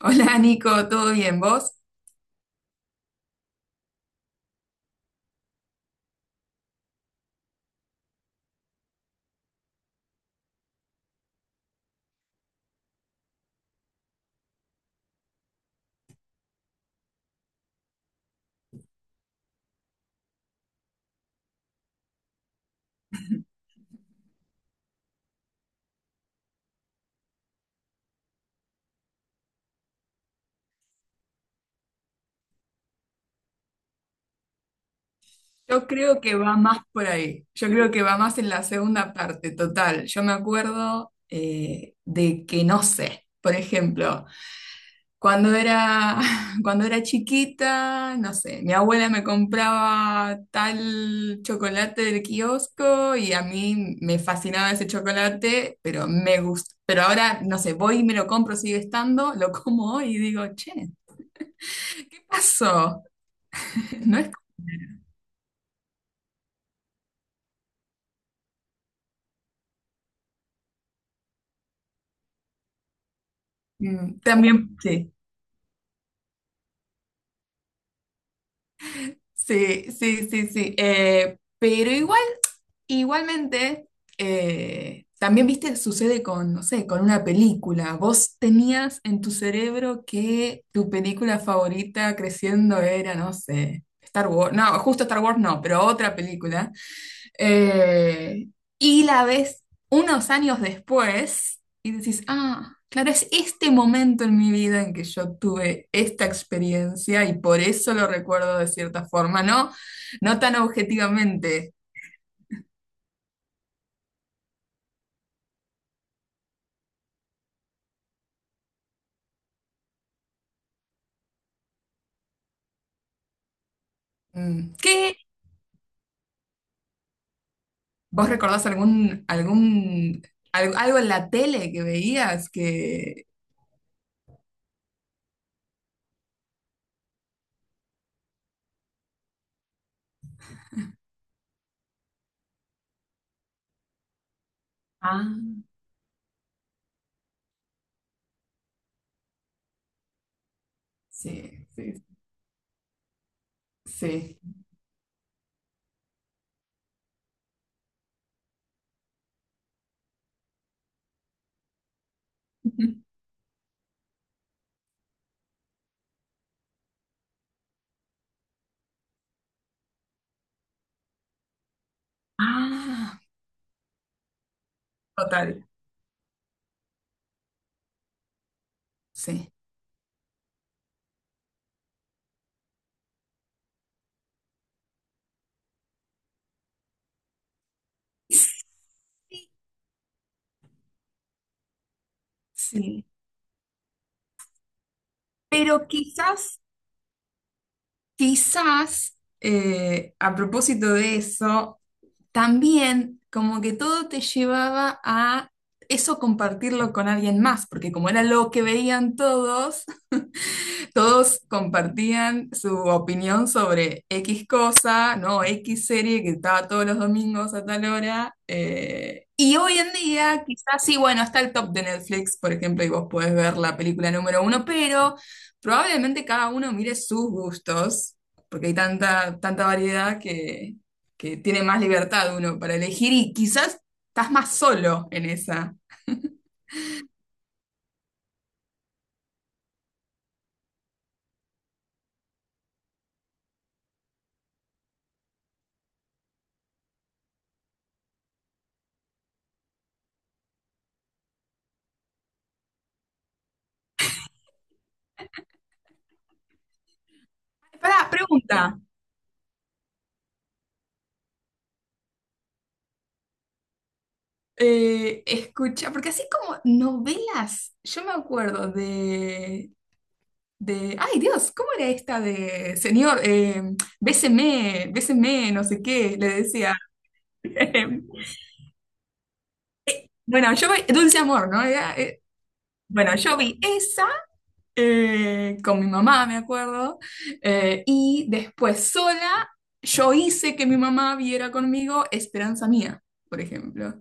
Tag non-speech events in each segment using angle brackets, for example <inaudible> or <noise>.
Hola Nico, ¿todo bien? ¿Vos? Yo creo que va más por ahí. Yo creo que va más en la segunda parte, total. Yo me acuerdo de que no sé, por ejemplo, cuando era, <laughs> cuando era chiquita, no sé, mi abuela me compraba tal chocolate del kiosco y a mí me fascinaba ese chocolate, pero me gusta. Pero ahora, no sé, voy y me lo compro, sigue estando, lo como hoy y digo, che, ¿qué pasó? <laughs> No es mm, también, sí. Sí, sí, sí, sí. Pero igual, igualmente, también, viste, sucede con, no sé, con una película. Vos tenías en tu cerebro que tu película favorita creciendo era, no sé, Star Wars. No, justo Star Wars no, pero otra película. Eh, y la ves unos años después y decís, ah, claro, es este momento en mi vida en que yo tuve esta experiencia y por eso lo recuerdo de cierta forma, ¿no? No tan objetivamente. Mm, ¿qué? ¿Vos recordás algo en la tele que veías que... Ah, sí, sí, sí. <laughs> Ah, total, sí. Sí, sí. Pero quizás... Quizás, a propósito de eso, también como que todo te llevaba a eso compartirlo con alguien más, porque como era lo que veían todos, todos compartían su opinión sobre X cosa, ¿no? X serie que estaba todos los domingos a tal hora. Y hoy en día, quizás sí, bueno, está el top de Netflix, por ejemplo, y vos podés ver la película número uno, pero probablemente cada uno mire sus gustos, porque hay tanta, tanta variedad que tiene más libertad uno para elegir y quizás estás más solo en esa. Pará, pregunta. Escucha, porque así como novelas, yo me acuerdo ay Dios, ¿cómo era esta de señor? Béseme, béseme, no sé qué, le decía. <laughs> Bueno, yo vi Dulce Amor, ¿no? Era, bueno, yo vi esa con mi mamá, me acuerdo, y después sola, yo hice que mi mamá viera conmigo Esperanza Mía, por ejemplo.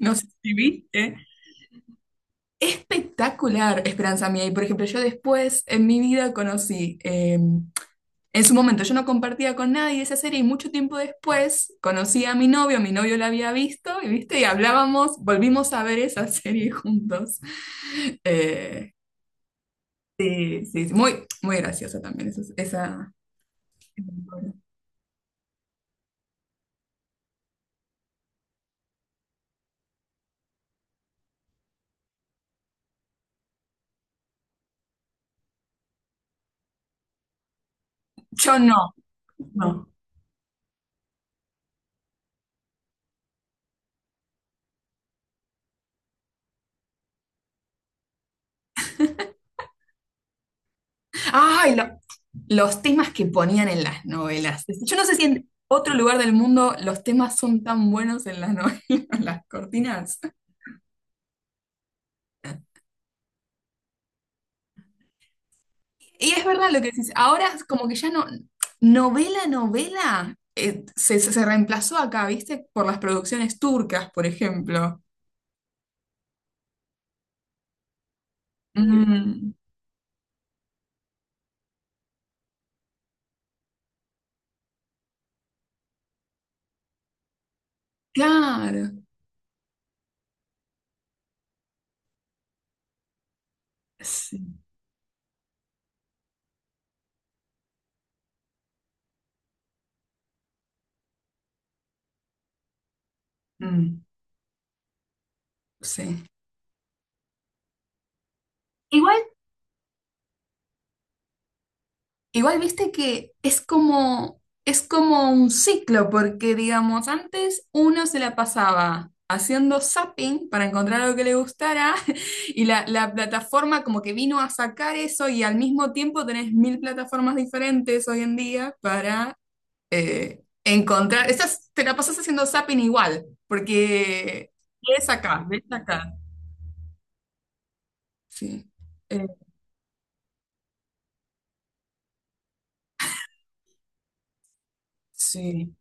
No sé si viste. Espectacular, Esperanza mía. Y por ejemplo, yo después en mi vida conocí, en su momento yo no compartía con nadie esa serie y mucho tiempo después conocí a mi novio la había visto y viste, y hablábamos, volvimos a ver esa serie juntos. Eh, sí, sí, sí, muy, muy graciosa también esa. Yo no, no. Ay, los temas que ponían en las novelas. Yo no sé si en otro lugar del mundo los temas son tan buenos en las novelas, <laughs> en las cortinas. Y es verdad lo que dices. Ahora es como que ya no, novela, novela, se reemplazó acá, ¿viste? Por las producciones turcas, por ejemplo. Mm, claro. Sí. Mm, sí. Igual viste que es como un ciclo, porque digamos, antes uno se la pasaba haciendo zapping para encontrar algo que le gustara <laughs> y la plataforma como que vino a sacar eso y al mismo tiempo tenés mil plataformas diferentes hoy en día para encontrar, estás, te la pasas haciendo zapping igual, porque ves acá, ves acá. Sí, Eh, sí.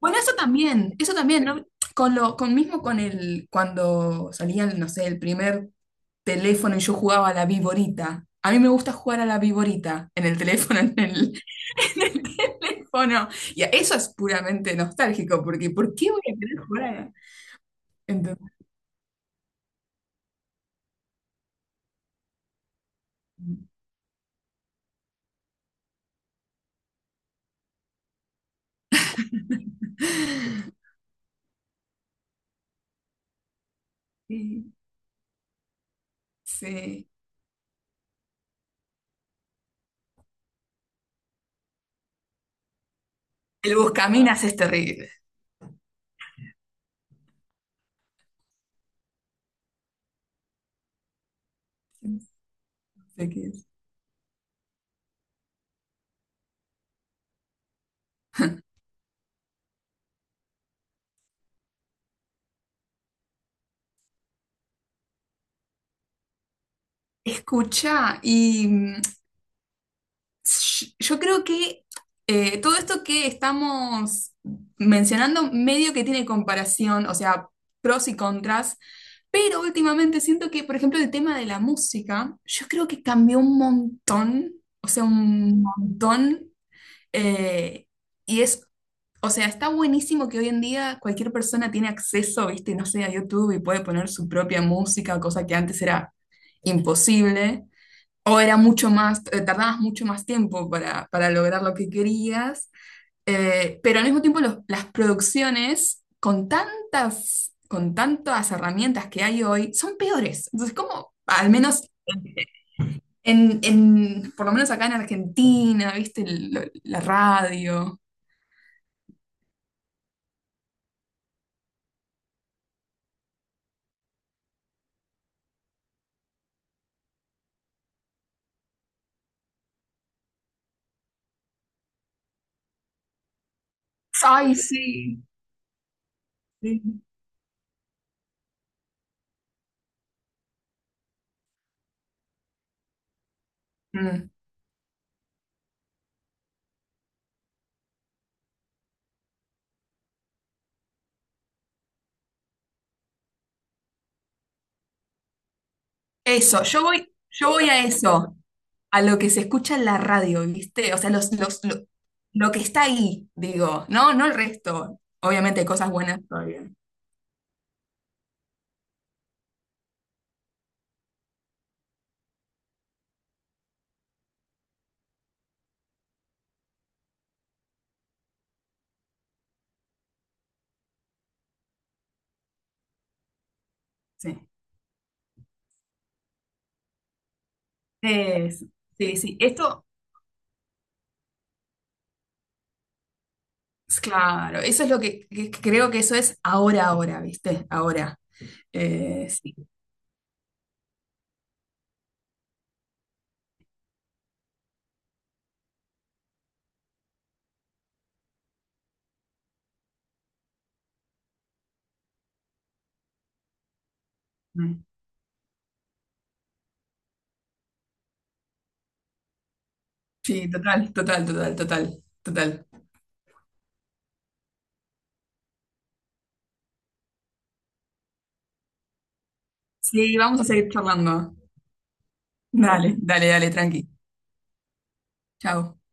Bueno, eso también, ¿no? Con mismo con el, cuando salían, no sé, el primer teléfono y yo jugaba a la viborita. A mí me gusta jugar a la viborita en el teléfono, en el, <laughs> en el teléfono. Y eso es puramente nostálgico, porque ¿por qué voy a querer jugar a la... Entonces, sí, sí. El buscaminas es terrible. No sé qué es. Escucha, y yo creo que todo esto que estamos mencionando medio que tiene comparación, o sea, pros y contras, pero últimamente siento que, por ejemplo, el tema de la música, yo creo que cambió un montón, o sea, un montón, eh, y es, o sea, está buenísimo que hoy en día cualquier persona tiene acceso, viste, no sé, a YouTube y puede poner su propia música, cosa que antes era imposible. O era mucho más, tardabas mucho más tiempo para lograr lo que querías, pero al mismo tiempo las producciones con tantas herramientas que hay hoy son peores. Entonces, como, al menos por lo menos acá en Argentina, ¿viste? La radio. Ay, sí. Sí. Mm. Eso, yo voy a eso. A lo que se escucha en la radio, ¿viste? O sea, lo que está ahí, digo, no, no el resto. Obviamente hay cosas buenas todavía. Sí. Es- sí, sí. Esto, es claro, eso es lo que, que creo que eso es ahora, ahora, ¿viste? Ahora. Sí. Mm. Sí, total, total, total, total, total. Sí, vamos a seguir charlando. Dale, dale, dale, tranqui. Chao.